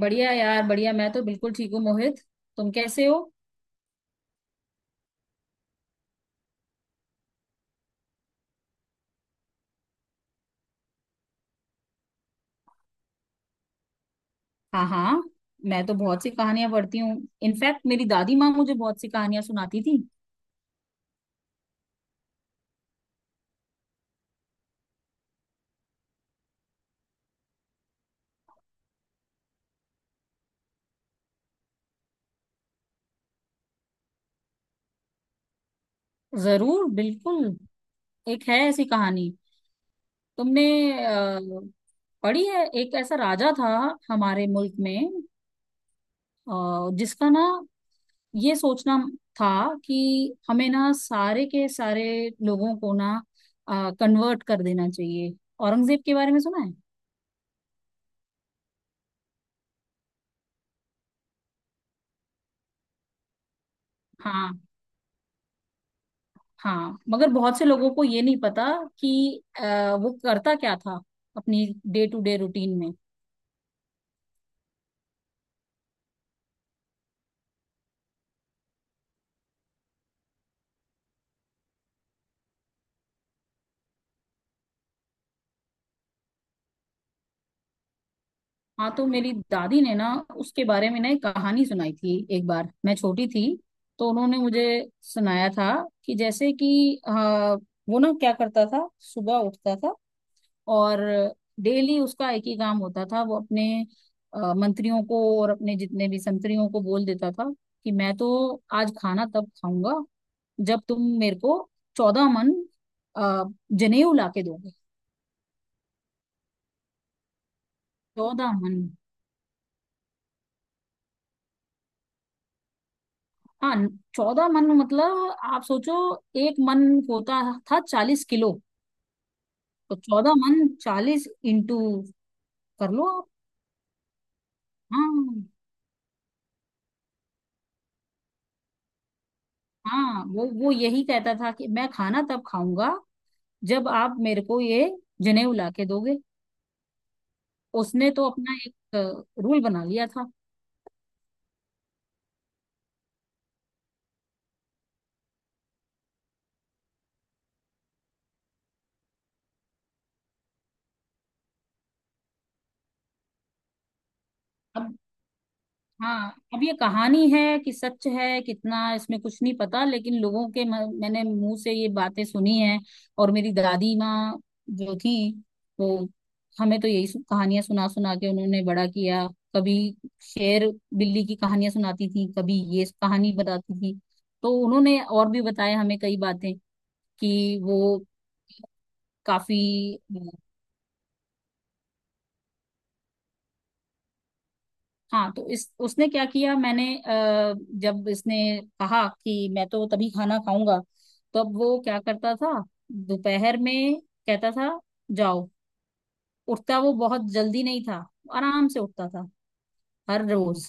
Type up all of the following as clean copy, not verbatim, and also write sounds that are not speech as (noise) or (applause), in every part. बढ़िया यार बढ़िया। मैं तो बिल्कुल ठीक हूँ मोहित। तुम कैसे हो? हाँ हाँ, मैं तो बहुत सी कहानियां पढ़ती हूँ। इनफैक्ट मेरी दादी माँ मुझे बहुत सी कहानियां सुनाती थी। जरूर बिल्कुल। एक है ऐसी कहानी। तुमने अ, पढ़ी है? एक ऐसा राजा था हमारे मुल्क में, जिसका ना ये सोचना था कि हमें ना सारे के सारे लोगों को ना कन्वर्ट कर देना चाहिए। औरंगजेब के बारे में सुना है? हाँ हाँ, मगर बहुत से लोगों को ये नहीं पता कि वो करता क्या था अपनी डे टू डे रूटीन में। हाँ तो मेरी दादी ने ना उसके बारे में ना एक कहानी सुनाई थी। एक बार मैं छोटी थी तो उन्होंने मुझे सुनाया था कि जैसे कि वो ना क्या करता था। सुबह उठता था और डेली उसका एक ही काम होता था। वो अपने मंत्रियों को और अपने जितने भी संतरियों को बोल देता था कि मैं तो आज खाना तब खाऊंगा जब तुम मेरे को 14 मन अ, जनेऊ ला के दोगे। 14 मन। हाँ, 14 मन मतलब आप सोचो 1 मन होता था 40 किलो। तो 14 मन 40 इंटू कर लो आप। हाँ हाँ, वो यही कहता था कि मैं खाना तब खाऊंगा जब आप मेरे को ये जनेऊ ला के दोगे। उसने तो अपना एक रूल बना लिया था। अब हाँ, अब ये कहानी है कि सच है कितना इसमें कुछ नहीं पता, लेकिन लोगों के मैंने मुंह से ये बातें सुनी हैं। और मेरी दादी माँ जो थी, तो हमें तो यही कहानियां सुना सुना के उन्होंने बड़ा किया। कभी शेर बिल्ली की कहानियां सुनाती थी, कभी ये कहानी बताती थी। तो उन्होंने और भी बताया हमें कई बातें कि वो काफी। हाँ तो इस उसने क्या किया? मैंने जब इसने कहा कि मैं तो तभी खाना खाऊंगा, तब वो क्या करता था? दोपहर में कहता था जाओ। उठता वो बहुत जल्दी नहीं था, आराम से उठता था हर रोज।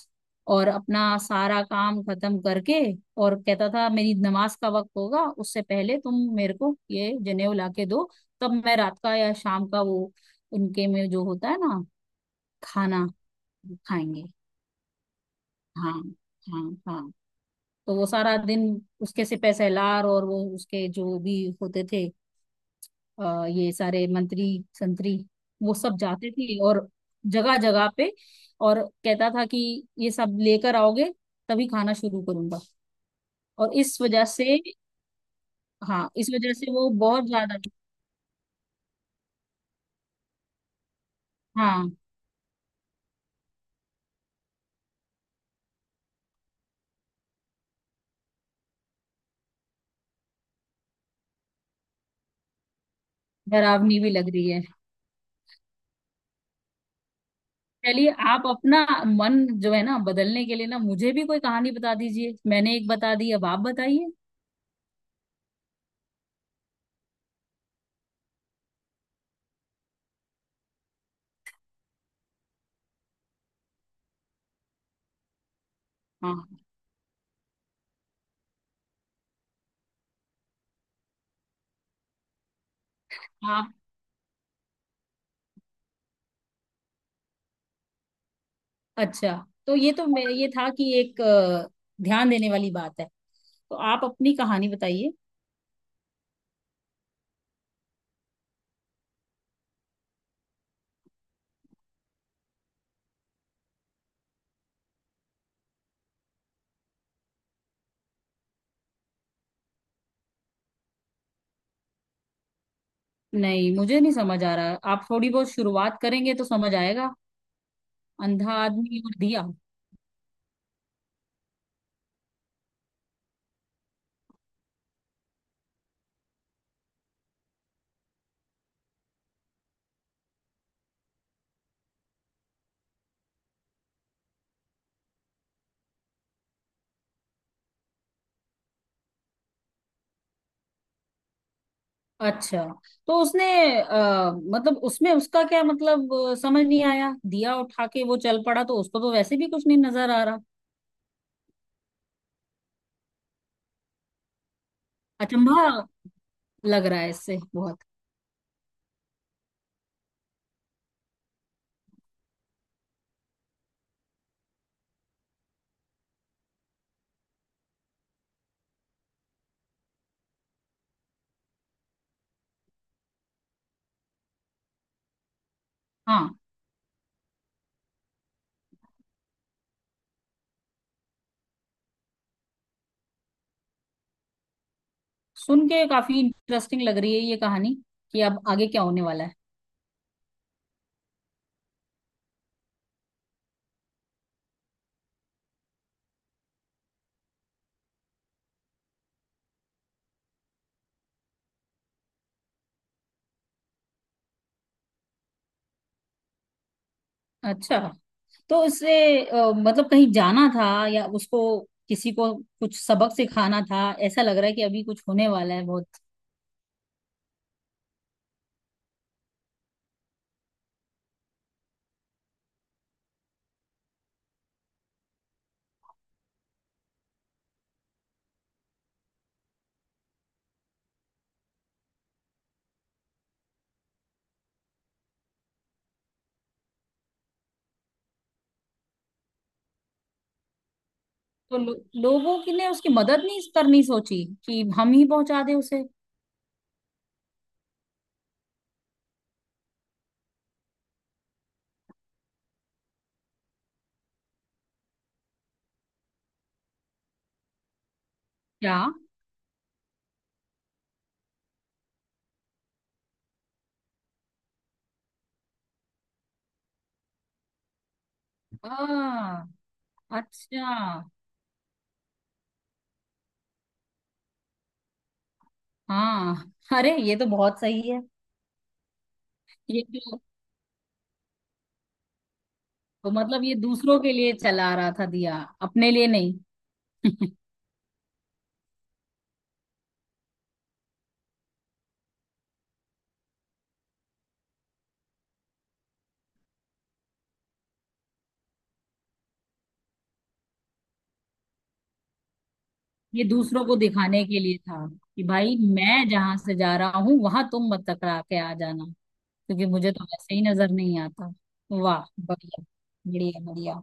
और अपना सारा काम खत्म करके और कहता था मेरी नमाज का वक्त होगा, उससे पहले तुम मेरे को ये जनेऊ ला के दो, तब मैं रात का या शाम का वो उनके में जो होता है ना खाना खाएंगे। हाँ हाँ हाँ, तो वो सारा दिन उसके से पैसेदार और वो उसके जो भी होते थे, ये सारे मंत्री संतरी वो सब जाते थे और जगह जगह पे। और कहता था कि ये सब लेकर आओगे तभी खाना शुरू करूंगा। और इस वजह से, हाँ इस वजह से वो बहुत ज्यादा। हाँ, डरावनी भी लग रही है। चलिए आप अपना मन जो है ना बदलने के लिए ना मुझे भी कोई कहानी बता दीजिए। मैंने एक बता दी, अब आप बताइए। हाँ, आप। अच्छा, तो ये तो ये था कि एक ध्यान देने वाली बात है। तो आप अपनी कहानी बताइए। नहीं, मुझे नहीं समझ आ रहा, आप थोड़ी बहुत शुरुआत करेंगे तो समझ आएगा। अंधा आदमी और दिया। अच्छा, तो उसने मतलब उसमें उसका क्या मतलब समझ नहीं आया। दिया उठा के वो चल पड़ा, तो उसको तो वैसे भी कुछ नहीं नजर आ रहा। अचंभा लग रहा है इससे बहुत। हाँ, सुन के काफी इंटरेस्टिंग लग रही है ये कहानी कि अब आगे क्या होने वाला है। अच्छा, तो उससे मतलब कहीं जाना था या उसको किसी को कुछ सबक सिखाना था? ऐसा लग रहा है कि अभी कुछ होने वाला है बहुत। तो लोगों की ने उसकी मदद नहीं करनी सोची कि हम ही पहुंचा दे उसे? क्या? आ, अच्छा। हाँ, अरे ये तो बहुत सही है। ये तो मतलब ये दूसरों के लिए चला रहा था दिया, अपने लिए नहीं? (laughs) ये दूसरों को दिखाने के लिए था कि भाई मैं जहां से जा रहा हूँ वहां तुम मत टकरा के आ जाना, क्योंकि मुझे तो वैसे ही नजर नहीं आता। वाह बढ़िया। बढ़िया बढ़िया।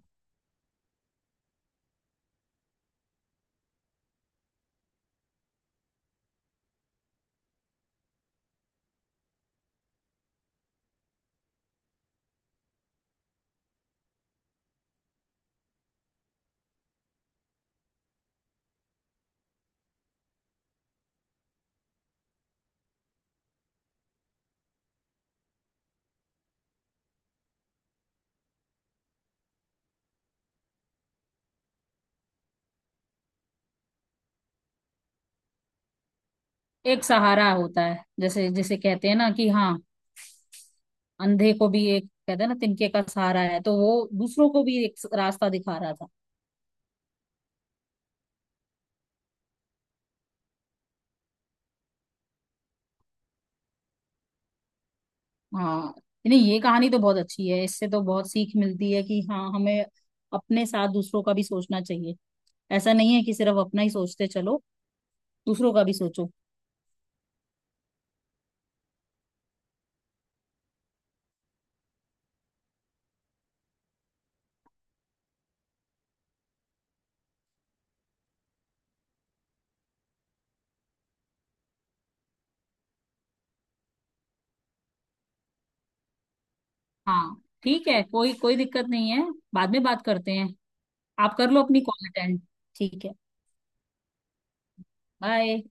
एक सहारा होता है, जैसे जैसे कहते हैं ना कि हाँ अंधे को भी एक कहते हैं ना तिनके का सहारा है, तो वो दूसरों को भी एक रास्ता दिखा रहा था। हाँ नहीं, ये कहानी तो बहुत अच्छी है, इससे तो बहुत सीख मिलती है कि हाँ हमें अपने साथ दूसरों का भी सोचना चाहिए। ऐसा नहीं है कि सिर्फ अपना ही सोचते चलो, दूसरों का भी सोचो। हाँ ठीक है, कोई कोई दिक्कत नहीं है, बाद में बात करते हैं। आप कर लो अपनी कॉल अटेंड। ठीक है। बाय।